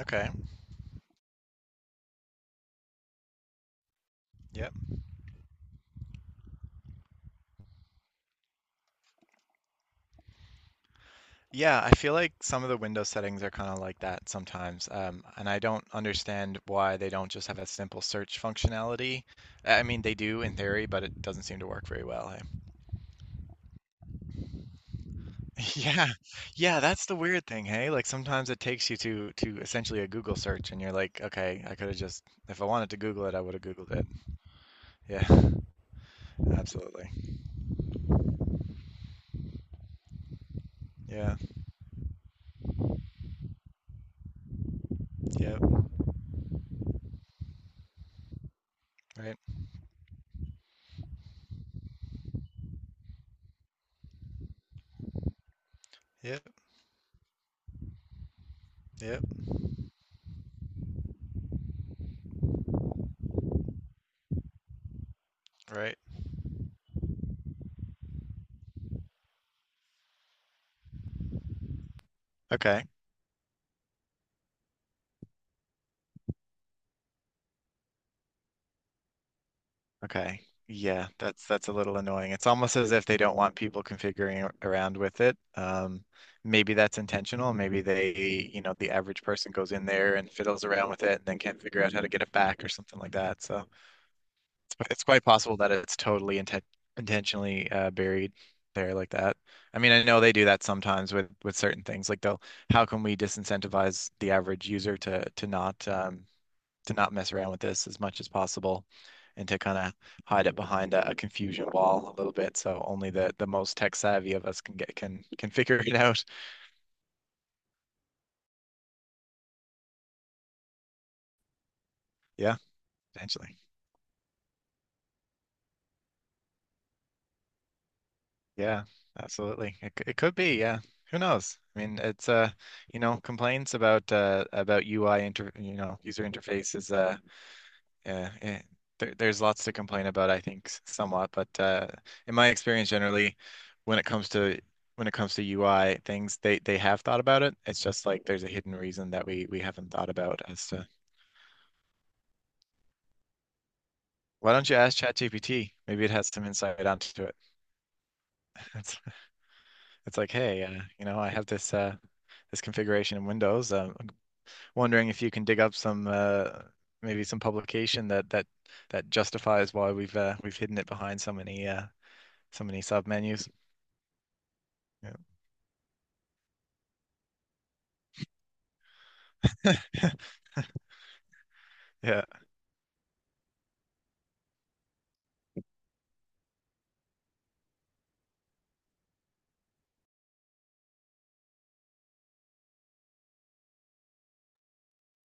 Okay. Yep. Yeah, I feel like some of the Windows settings are kind of like that sometimes. And I don't understand why they don't just have a simple search functionality. I mean, they do in theory, but it doesn't seem to work very well, eh? Yeah. Yeah, that's the weird thing, hey? Like sometimes it takes you to essentially a Google search and you're like, okay, I could have just if I wanted to Google it, I would have Googled it. Yeah. Absolutely. Yeah. Yep. Right. Yep. Yep. Right. Okay. Okay. Yeah, that's a little annoying. It's almost as if they don't want people configuring around with it. Maybe that's intentional. Maybe they, you know, the average person goes in there and fiddles around with it and then can't figure out how to get it back or something like that. So it's quite possible that it's totally intentionally buried there like that. I mean, I know they do that sometimes with certain things. Like how can we disincentivize the average user to not mess around with this as much as possible and to kind of hide it behind a confusion wall a little bit so only the most tech savvy of us can get can figure it out. Yeah, potentially. Yeah, absolutely. It could be, yeah. Who knows? I mean, it's you know, complaints about UI inter you know, user interface is yeah, eh, there's lots to complain about, I think, somewhat, but in my experience, generally, when it comes to when it comes to UI things, they have thought about it. It's just like there's a hidden reason that we haven't thought about as to why don't you ask ChatGPT? Maybe it has some insight onto it. It's it's like, hey, you know, I have this this configuration in Windows. I'm wondering if you can dig up some maybe some publication that that justifies why we've hidden it behind so many so many sub menus. Yeah. Yeah.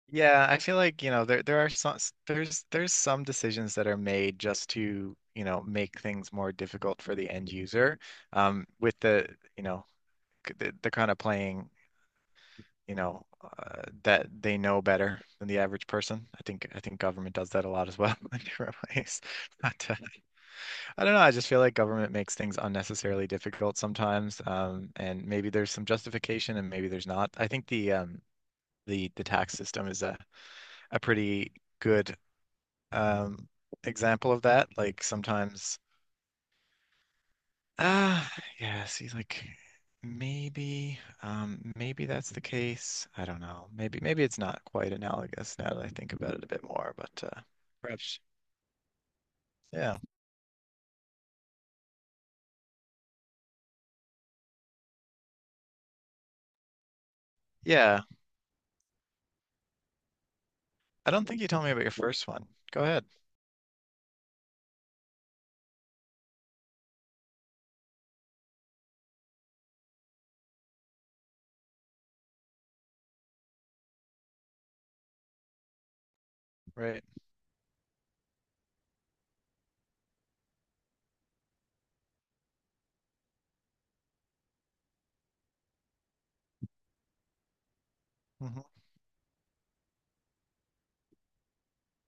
Yeah, I feel like, you know, there are some there's some decisions that are made just to, you know, make things more difficult for the end user. With the, you know, the kind of playing, you know, that they know better than the average person. I think government does that a lot as well in different ways. But I don't know. I just feel like government makes things unnecessarily difficult sometimes. And maybe there's some justification and maybe there's not. I think the tax system is a pretty good um example of that. Like sometimes, ah, yeah, see, like maybe, maybe that's the case. I don't know. Maybe it's not quite analogous now that I think about it a bit more, but perhaps, yeah, yeah. I don't think you told me about your first one. Go ahead. Right. Hmm.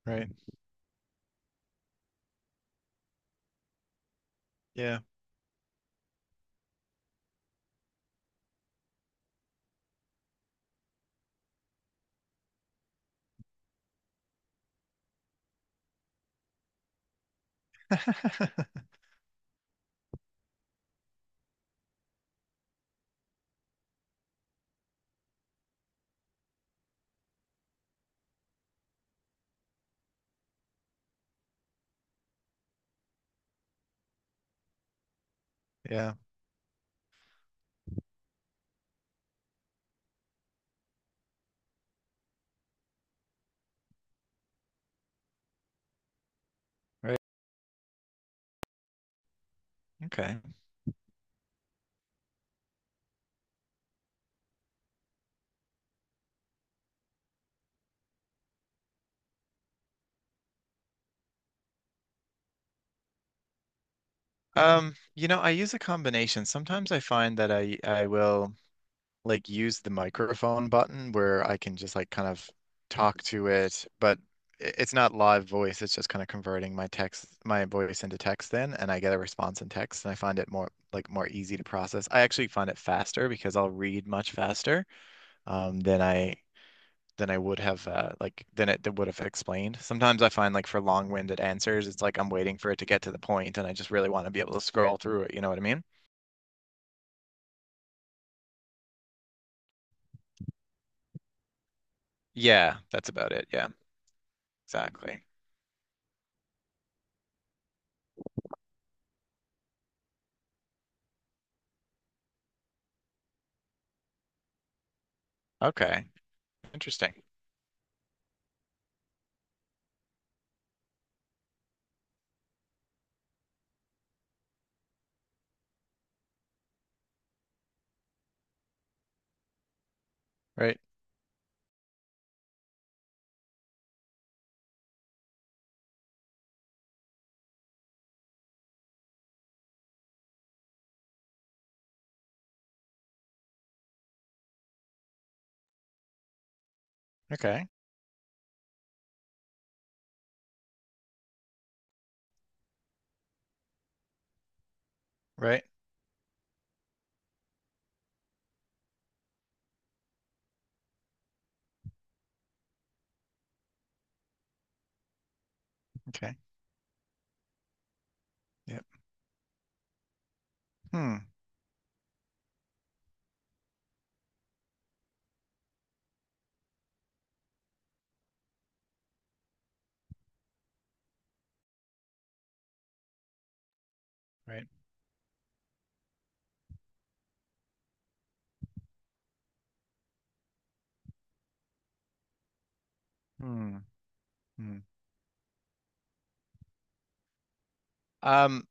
Right. Yeah. Yeah. Right. Okay. You know, I use a combination. Sometimes I find that I will, like use the microphone button where I can just like kind of talk to it, but it's not live voice. It's just kind of converting my text, my voice into text then, and I get a response in text, and I find it more like more easy to process. I actually find it faster because I'll read much faster um, than I than I would have like than it would have explained. Sometimes I find like for long-winded answers, it's like I'm waiting for it to get to the point, and I just really want to be able to scroll through it. You know what I mean? Yeah, that's about it. Yeah, exactly. Okay, interesting. Right. Okay. Right. Okay. Yep. Hmm. Right. Hmm. Hmm. Um,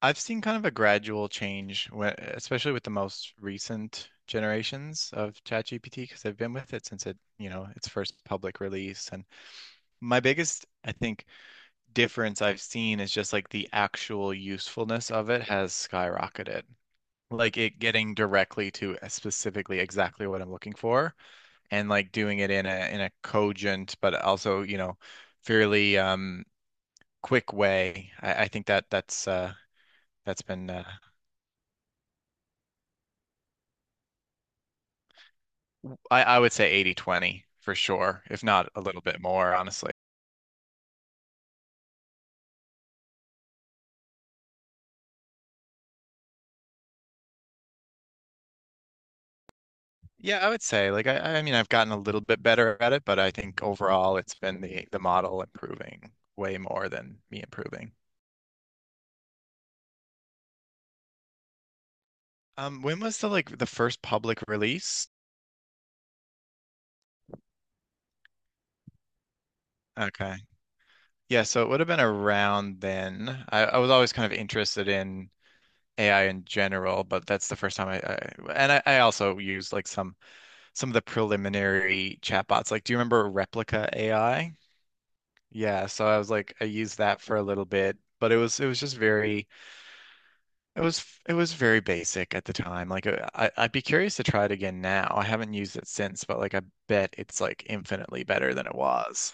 I've seen kind of a gradual change, when, especially with the most recent generations of ChatGPT, because I've been with it since it, you know, its first public release. And my biggest, I think, difference I've seen is just like the actual usefulness of it has skyrocketed. Like it getting directly to specifically exactly what I'm looking for and like doing it in a cogent but also, you know, fairly quick way. I think that that's been I would say 80-20 for sure, if not a little bit more, honestly. Yeah, I would say like I mean I've gotten a little bit better at it, but I think overall it's been the model improving way more than me improving. When was the like the first public release? Okay. Yeah, so it would have been around then. I was always kind of interested in AI in general, but that's the first time I also use like some of the preliminary chatbots. Like, do you remember Replica AI? Yeah, so I was like I used that for a little bit, but it was just very it was very basic at the time. Like I I'd be curious to try it again now. I haven't used it since, but like I bet it's like infinitely better than it was.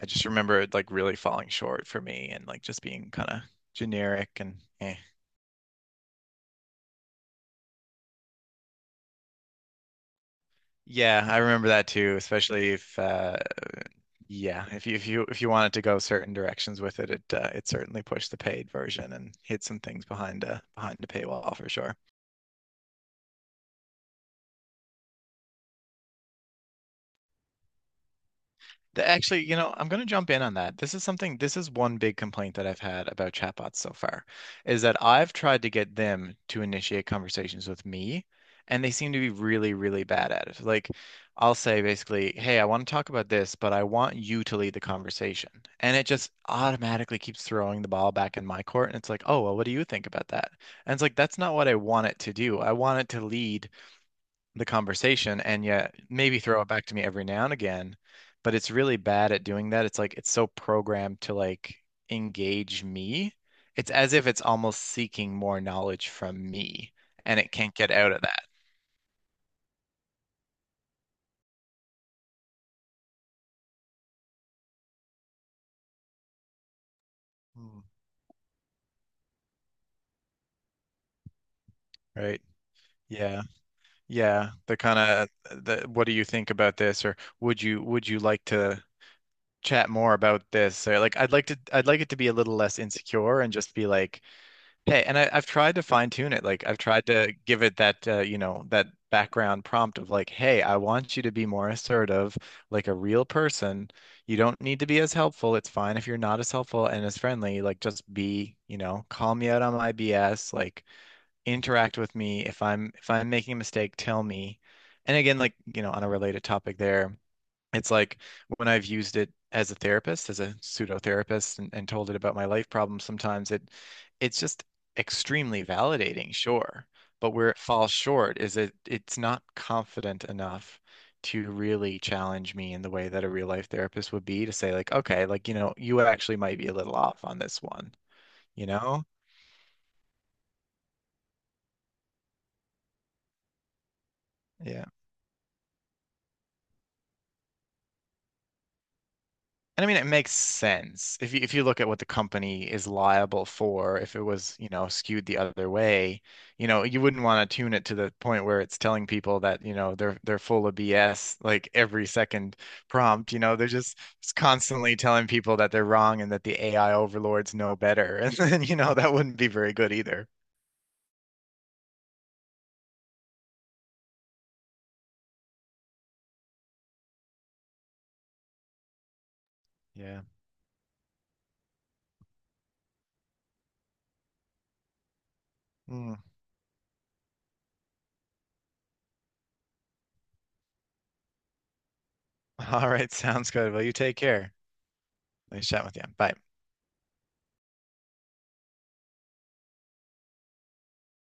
I just remember it like really falling short for me and like just being kind of generic and eh. Yeah, I remember that too, especially if yeah, if you if you wanted to go certain directions with it, it certainly pushed the paid version and hid some things behind a behind a paywall for sure. Actually, you know, I'm going to jump in on that. This is one big complaint that I've had about chatbots so far, is that I've tried to get them to initiate conversations with me, and they seem to be really, really bad at it. Like, I'll say basically, hey, I want to talk about this, but I want you to lead the conversation. And it just automatically keeps throwing the ball back in my court. And it's like, oh, well, what do you think about that? And it's like, that's not what I want it to do. I want it to lead the conversation and yet maybe throw it back to me every now and again, but it's really bad at doing that. It's like it's so programmed to like engage me. It's as if it's almost seeking more knowledge from me and it can't get out of that. Hmm. Right? Yeah. Yeah. The kind of the what do you think about this or would you like to chat more about this? Or like I'd like it to be a little less insecure and just be like hey. And I've tried to fine tune it. Like I've tried to give it that, you know, that background prompt of like, hey, I want you to be more assertive, like a real person. You don't need to be as helpful. It's fine if you're not as helpful and as friendly. Like just be, you know, call me out on my BS. Like interact with me. If I'm making a mistake, tell me. And again, like, you know, on a related topic there, it's like when I've used it as a therapist, as a pseudo therapist, and told it about my life problems, sometimes it's just extremely validating, sure. But where it falls short is that it's not confident enough to really challenge me in the way that a real life therapist would be to say, like, okay, like, you know, you actually might be a little off on this one, you know? Yeah. And I mean, it makes sense if you look at what the company is liable for. If it was, you know, skewed the other way, you know, you wouldn't want to tune it to the point where it's telling people that, you know, they're full of BS like every second prompt. You know, they're just it's constantly telling people that they're wrong and that the AI overlords know better. And then, you know, that wouldn't be very good either. Yeah. Mm. All right, sounds good. Well, you take care. Nice chatting with you. Bye.